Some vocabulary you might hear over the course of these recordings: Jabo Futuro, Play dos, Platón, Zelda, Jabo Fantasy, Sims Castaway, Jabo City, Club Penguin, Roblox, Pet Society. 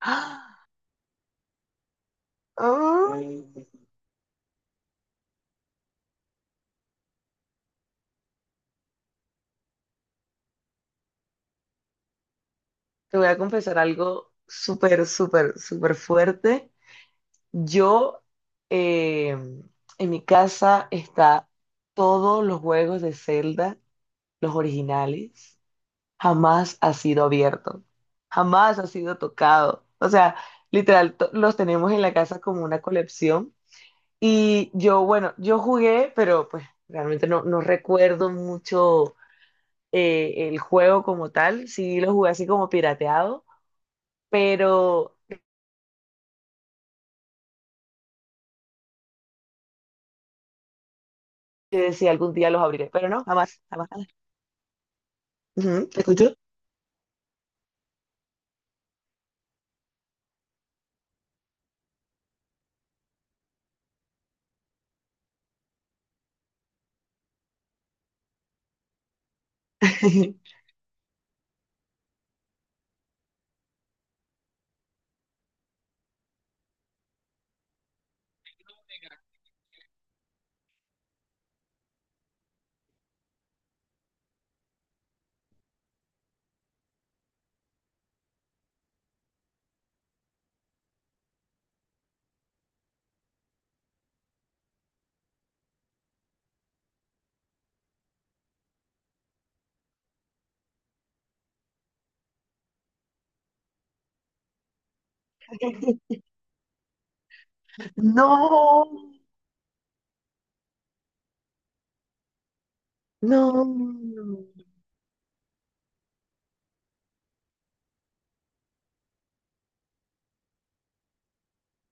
¡Ah! ¡Ay! Te voy a confesar algo súper, súper, súper fuerte. Yo, eh, en mi casa está todos los juegos de Zelda, los originales, jamás ha sido abierto, jamás ha sido tocado. O sea, literal, los tenemos en la casa como una colección. Y yo, bueno, yo jugué, pero pues realmente no recuerdo mucho el juego como tal. Sí lo jugué así como pirateado, pero yo decía, algún día los abriré, pero no, jamás, jamás, jamás. Ujú, ¿te escucho? No, no,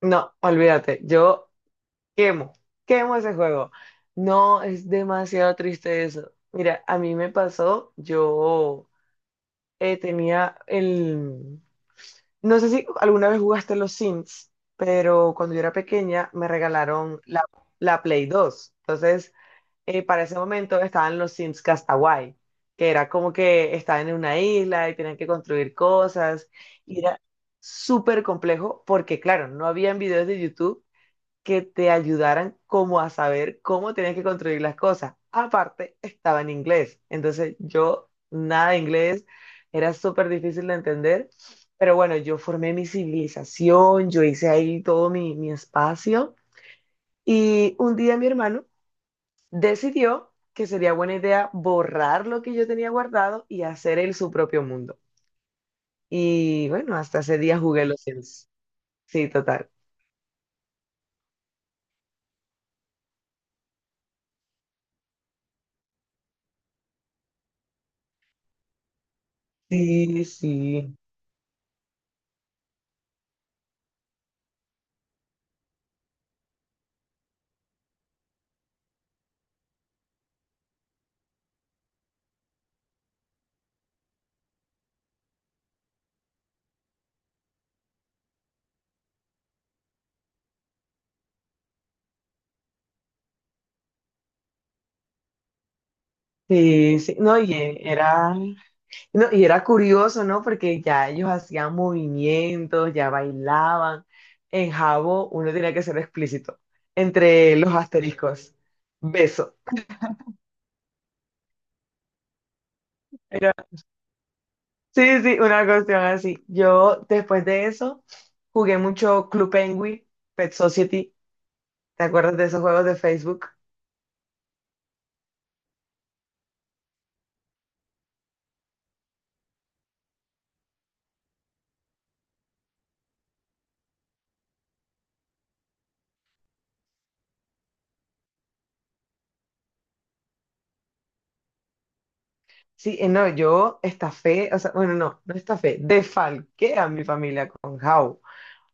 no, olvídate, yo quemo, quemo ese juego. No, es demasiado triste eso. Mira, a mí me pasó, yo tenía no sé si alguna vez jugaste los Sims, pero cuando yo era pequeña me regalaron la Play dos. Entonces, para ese momento estaban los Sims Castaway, que era como que estaban en una isla y tenían que construir cosas. Y era súper complejo porque, claro, no habían videos de YouTube que te ayudaran como a saber cómo tenías que construir las cosas. Aparte, estaba en inglés. Entonces yo, nada de inglés, era súper difícil de entender. Pero bueno, yo formé mi civilización, yo hice ahí todo mi espacio. Y un día mi hermano decidió que sería buena idea borrar lo que yo tenía guardado y hacer él su propio mundo. Y bueno, hasta ese día jugué los Sims. Sí, total. Sí, sí. Sí, sí. No, y era curioso, ¿no? Porque ya ellos hacían movimientos, ya bailaban. En Jabo uno tenía que ser explícito. Entre los asteriscos. Beso. Era Sí, sí, una cuestión así. Yo después de eso jugué mucho Club Penguin, Pet Society. ¿Te acuerdas de esos juegos de Facebook? Sí, no, yo estafé, o sea, bueno, no, no estafé, defalqué a mi familia con How,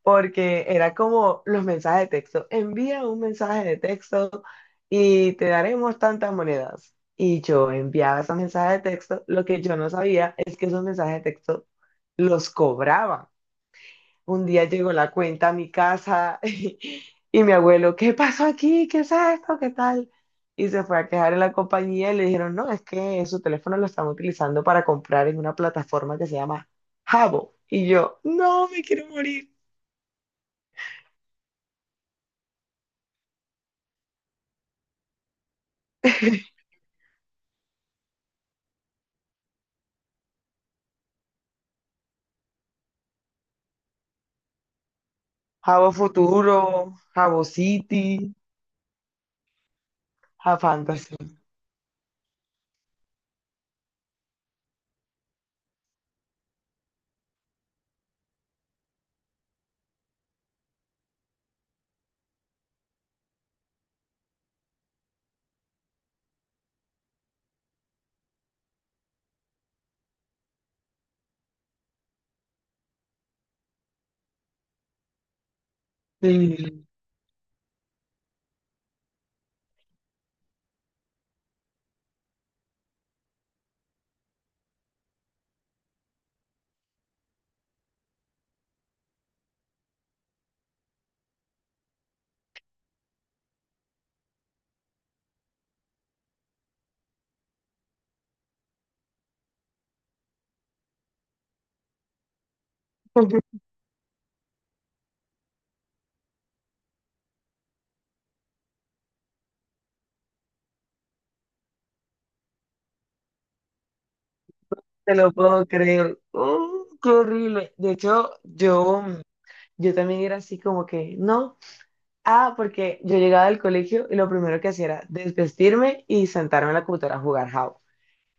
porque era como los mensajes de texto. Envía un mensaje de texto y te daremos tantas monedas. Y yo enviaba esos mensajes de texto. Lo que yo no sabía es que esos mensajes de texto los cobraban. Un día llegó la cuenta a mi casa y mi abuelo, ¿qué pasó aquí? ¿Qué es esto? ¿Qué tal? Y se fue a quejar en la compañía y le dijeron, no, es que su teléfono lo están utilizando para comprar en una plataforma que se llama Jabo. Y yo, no, me quiero morir. Jabo Futuro, Jabo City, Jabo Fantasy. Sí, te lo puedo creer. Qué horrible. De hecho, yo también era así como que, no. Ah, porque yo llegaba del colegio y lo primero que hacía era desvestirme y sentarme en la computadora a jugar Java.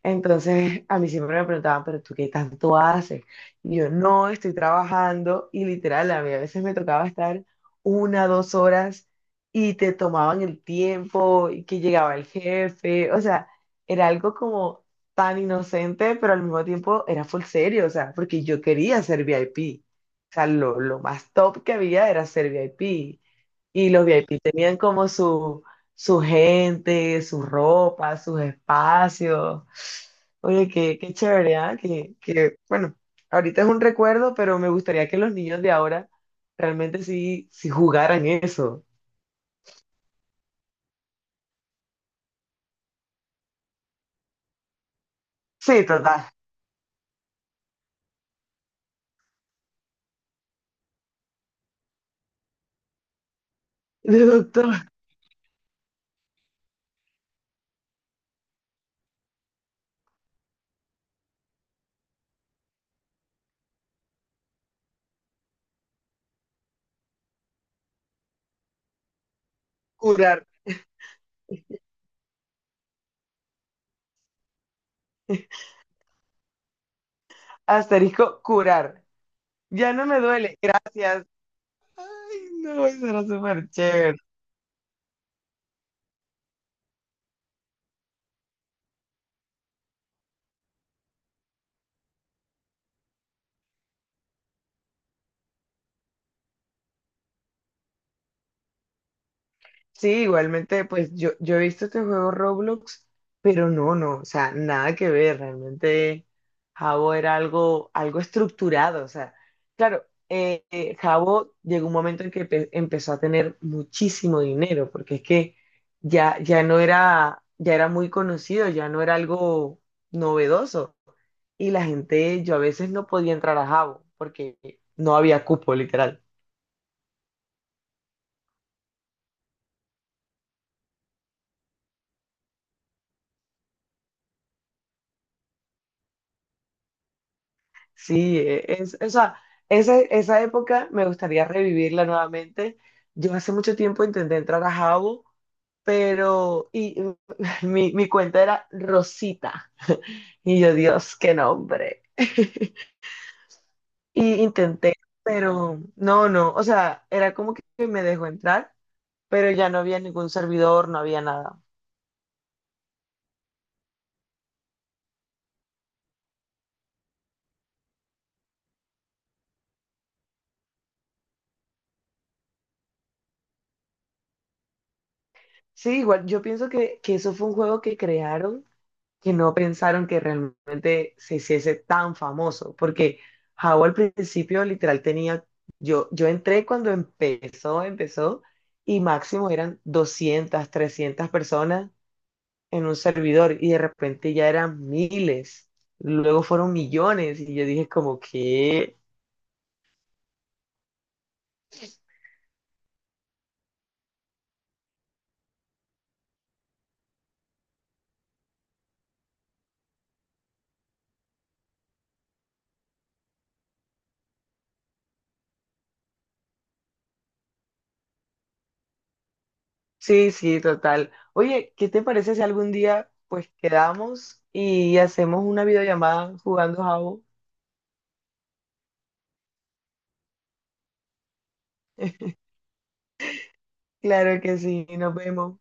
Entonces, a mí siempre me preguntaban, pero ¿tú qué tanto haces? Y yo, no, estoy trabajando. Y literal, a mí a veces me tocaba estar una, dos horas, y te tomaban el tiempo y que llegaba el jefe. O sea, era algo como tan inocente, pero al mismo tiempo era full serio, o sea, porque yo quería ser VIP. O sea, lo más top que había era ser VIP. Y los VIP tenían como su gente, su ropa, sus espacios. Oye, qué, qué chévere, ¿ah? Que, bueno, ahorita es un recuerdo, pero me gustaría que los niños de ahora realmente sí, sí jugaran eso. Sí, total. De doctor, curar. Asterisco, curar. Ya no me duele, gracias. Ay, no, eso era súper chévere. Sí, igualmente, pues yo he visto este juego Roblox, pero no, no, o sea, nada que ver, realmente Jabo era algo, algo estructurado, o sea, claro, Jabo llegó un momento en que empezó a tener muchísimo dinero, porque es que ya no era, ya era muy conocido, ya no era algo novedoso, y la gente, yo a veces no podía entrar a Jabo, porque no había cupo, literal. O sea, esa época me gustaría revivirla nuevamente. Yo hace mucho tiempo intenté entrar a Jabo, pero y, mi cuenta era Rosita. Y yo, Dios, qué nombre. Y intenté, pero no, no, o sea, era como que me dejó entrar, pero ya no había ningún servidor, no había nada. Sí, igual, yo pienso que eso fue un juego que crearon, que no pensaron que realmente se hiciese tan famoso, porque Jao al principio literal tenía, yo entré cuando empezó, y máximo eran 200 300 personas en un servidor, y de repente ya eran miles, luego fueron millones, y yo dije como que, sí, sí, total. Oye, ¿qué te parece si algún día pues quedamos y hacemos una videollamada jugando Jao? Claro que sí, nos vemos.